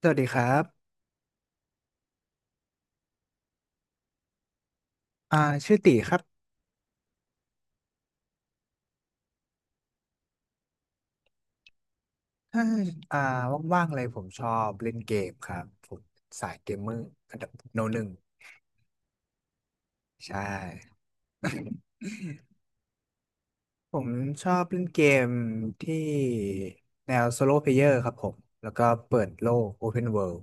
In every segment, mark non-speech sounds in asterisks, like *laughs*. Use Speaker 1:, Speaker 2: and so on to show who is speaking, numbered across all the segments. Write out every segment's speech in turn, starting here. Speaker 1: สวัสดีครับอ่าชื่อตีครับถ้าอ่าว่างๆเลยผมชอบเล่นเกมครับผมสายเกมเมอร์อันดับโนหนึ่งใช่ *laughs* ผมชอบเล่นเกมที่แนวโซโล p เพลเยอร์ครับผมแล้วก็เปิดโลก Open World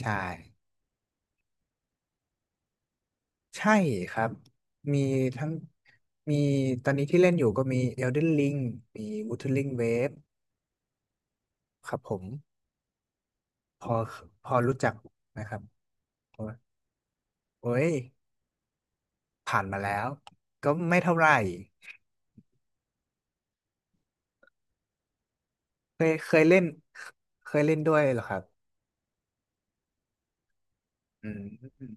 Speaker 1: ใช่ใช่ครับมีทั้งมีตอนนี้ที่เล่นอยู่ก็มี Elden Ring มี Wuthering Waves ครับผมพอพอรู้จักนะครับโอ้ย ผ่านมาแล้วก็ไม่เท่าไหร่เคยเล่นเคยเล่นด้วยเหรอครับอืม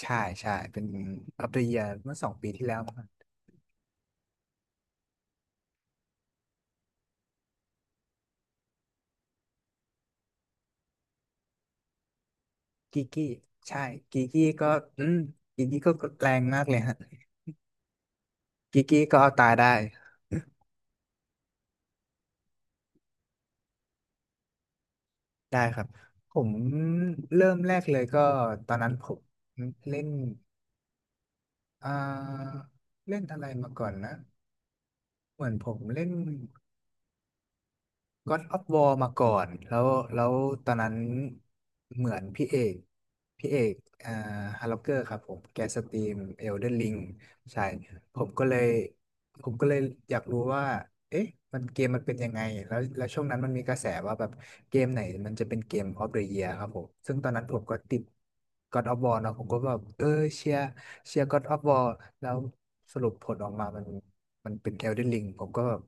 Speaker 1: ใช่ใช่เป็น u ล the Year เมื่อ2 ปีที่แล้วมั้งกีกี้ใช่กีกี้ก็อืมกีกี้ก็แรงมากเลยฮะกีกี้ก็เอาตายได้ได้ครับผมเริ่มแรกเลยก็ตอนนั้นผมเล่นอ่าเล่นอะไรมาก่อนนะเหมือนผมเล่น God of War มาก่อนแล้วแล้วตอนนั้นเหมือนพี่เอกอ่าฮาร์ล็อกเกอร์ครับผมแกสตรีม Elden Ring ใช่ผมก็เลยผมก็เลยอยากรู้ว่าเอ๊ะมันเกมมันเป็นยังไงแล้วช่วงนั้นมันมีกระแสว่าแบบเกมไหนมันจะเป็นเกม of the year ครับผมซึ่งตอนนั้นผมก็ติด God of War เนอะผมก็แบบเออเชียร์เชียร์ God of War แล้วสรุปผลออกมามันเป็น Elden Ring ผมก็แบบ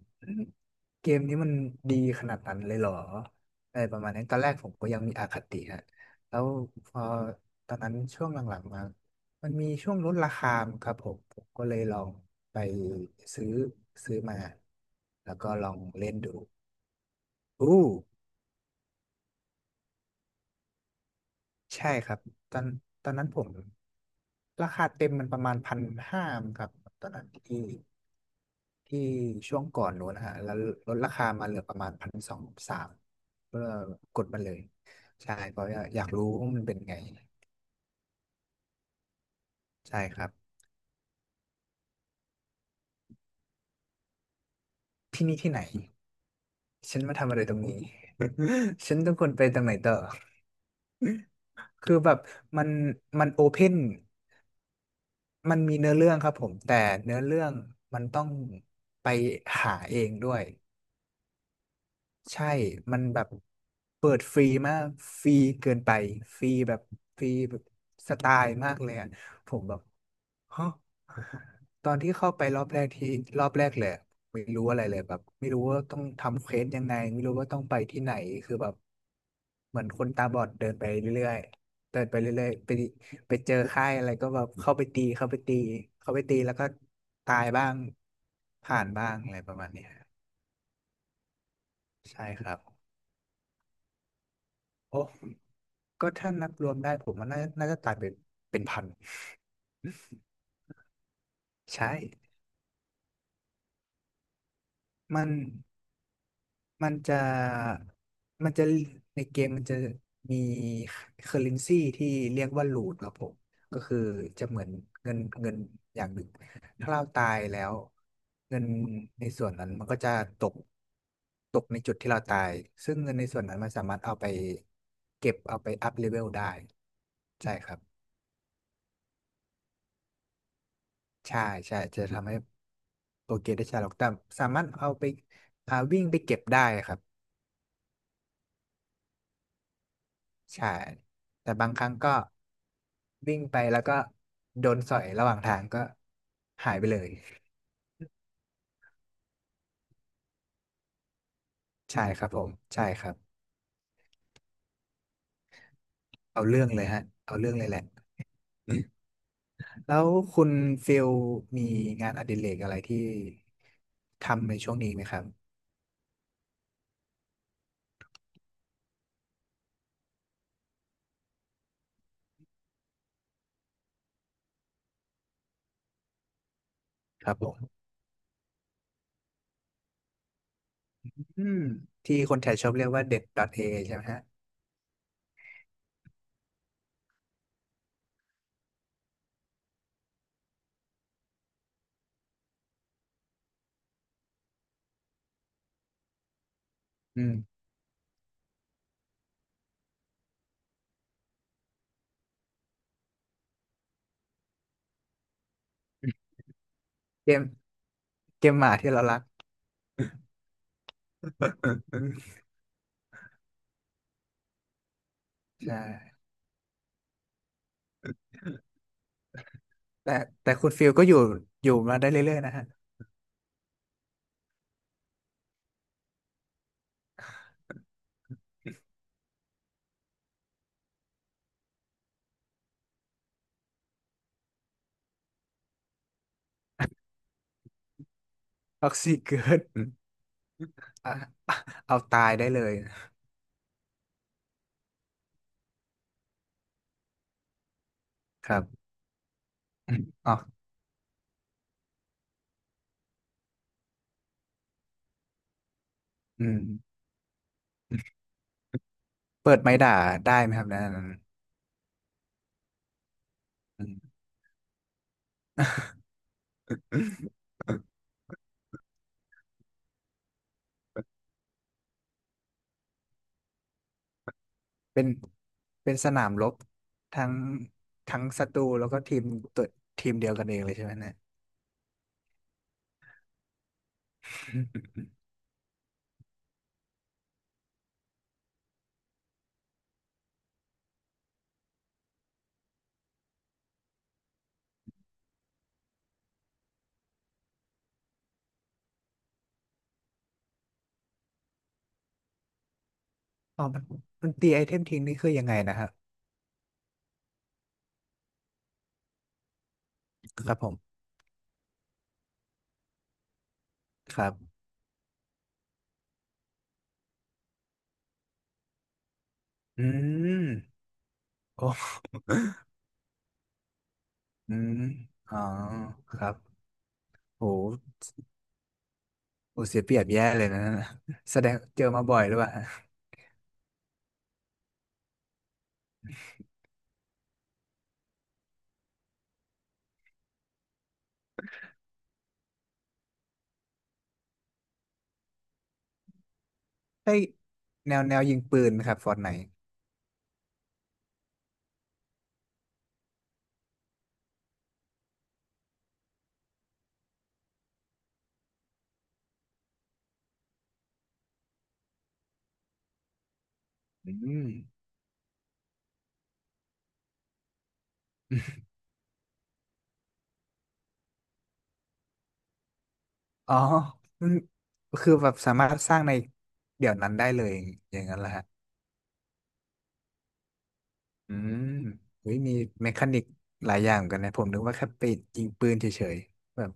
Speaker 1: เกมนี้มันดีขนาดนั้นเลยเหรออะไรประมาณนั้นตอนแรกผมก็ยังมีอคติฮะแล้วพอตอนนั้นช่วงหลังๆมา มันมีช่วงลดราคาครับผม ผมก็เลยลองไปซื้อซื้อมา แล้วก็ลองเล่นดูอู้ ใช่ครับตอนตอนนั้นผมราคาเต็มมันประมาณพันห้าครับตอนนั้นที่ที่ช่วงก่อนนู้นนะฮะแล้วลดราคามาเหลือประมาณพันสองสามเพื่อกดมันเลยใช่เพราะว่าอยากรู้ว่ามันเป็นไงใช่ครับที่นี่ที่ไหนฉันมาทำอะไรตรงนี้ *laughs* ฉันต้องควรไปตรงไหนต่อคือแบบมันมันโอเพนมันมีเนื้อเรื่องครับผมแต่เนื้อเรื่องมันต้องไปหาเองด้วย ใช่มันแบบเปิดฟรีมากฟรีเกินไปฟรีแบบฟรีแบบสไตล์มากเลยอะผมแบบ *gasps* ฮะตอนที่เข้าไปรอบแรกรอบแรกเลยอะไม่รู้อะไรเลยแบบไม่รู้ว่าต้องทำเควสยังไงไม่รู้ว่าต้องไปที่ไหนคือแบบเหมือนคนตาบอดเดินไปเรื่อยๆเดินไปเรื่อยๆไปไปเจอค่ายอะไรก็แบบเข้าไปตีแล้วก็ตายบ้างผ่านบ้างอะไรประมาณเนี้ยใช่ครับโอ้ ก็ถ้านับรวมได้ผมว่าน่าจะตายเป็นเป็นพัน *laughs* ใช่มันมันจะมันจะในเกมมันจะมีเคอร์เรนซีที่เรียกว่าลูทครับผมก็คือจะเหมือนเงินอย่างหนึ่งถ้าเราตายแล้วเงินในส่วนนั้นมันก็จะตกตกในจุดที่เราตายซึ่งเงินในส่วนนั้นมันสามารถเอาไปเก็บเอาไปอัพเลเวลได้ใช่ครับ ใช่ใช่จะทำให้โปรเกรสได้ช้าลงแต่สามารถเอาไปวิ่งไปเก็บได้ครับใช่แต่บางครั้งก็วิ่งไปแล้วก็โดนสอยระหว่างทางก็หายไปเลยใช่ครับผมใช่ครับเอาเรื่องเลยฮะเอาเรื่องเลยแหละแล้วคุณฟิลมีงานอดิเรกอะไรที่ทำในช่วงนี้ไหมครับครับผมอืมที่คนไทยชอบเรียกว่าเด็ด .a ใช่ไหมฮะอืมเกมเกมหมาที่เรารัก ใช่แต่แต่คุณฟิลก็อยู่อยู่มาได้เรื่อยๆนะฮะท็อกซิเกิดอ่ะเอาตายได้เลยครับอมอ๋ออืมเปิดไม้ด่าได้ไหมครับนะนั้นอืม *laughs* เป็นเป็นสนามรบทั้งทั้งศัตรูแล้วก็ทีมตัวทีมเดียวกันเองเลยใช่ไหมเนี่ย *laughs* อ๋อมันตีไอเทมทิ้งนี่คือยังไงนะครับครับผมครับอืมโอ้อืมอ๋อครับโห โอ้เสียเปรียบแย่เลยนะ *laughs* แสดงเจอมาบ่อยหรือเปล่าไอ้ยแนวยิงปืนไหมครับฟอร์ตไนท์อืมอ๋อมันคือแบบสามารถสร้างในเดี๋ยวนั้นได้เลยอย่างนั้นแหละฮะอืมเฮ้ยมีเมคานิกหลายอย่างเหมือนกันนะผมนึกว่าแค่ไปยิงปืนเฉยๆแบบ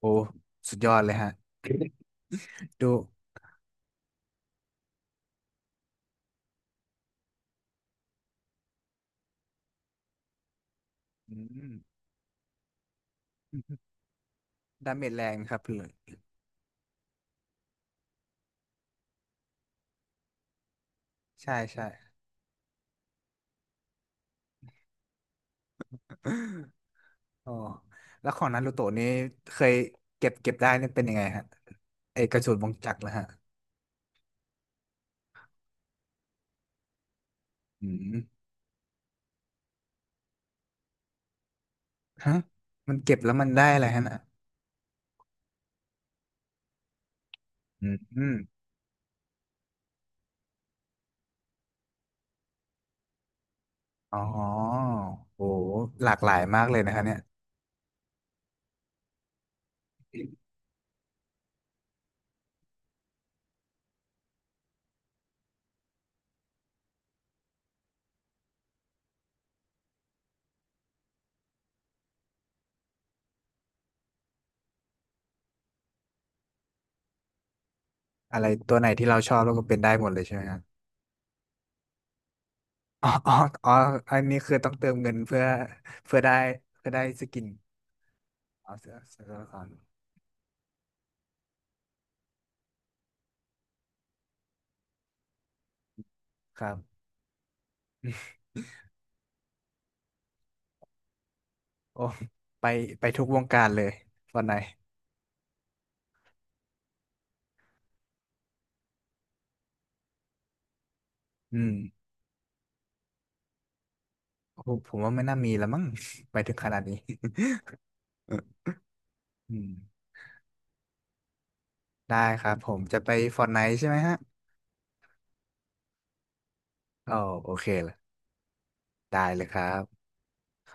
Speaker 1: โอ้สุดยอดเลยฮะ *laughs* ดูอืมดาเมจแรงครับเลยใช่ใช่ *laughs* อ๋อแล้วของนารูโตะนี่เคยเก็บได้นี่เป็นยังไงฮะ ไอกระสุนวงจักรล้วฮะอืมฮะมันเก็บแล้วมันได้อะไรฮะน่ะอืมอมอ๋อโอ้หลากหลายมากเลยนะคะเนี่ยอะไรตัวไหนที่เราชอบแล้วก็เป็นได้หมดเลยใช่ไหมครับอ๋ออ๋ออันนี้คือต้องเติมเงินเพื่อเพื่อได้เพื่อได้สกินอ๋อเสื้อตัวละครครับโอ้ไปไปทุกวงการเลยตอนไหนอืมโอ้ผมว่าไม่น่ามีแล้วมั้ง *laughs* ไปถึงขนาดนี้ *laughs* อืมได้ครับผมจะไป Fortnite ใช่ไหมฮะอ๋อโอเค ได้เลยครับ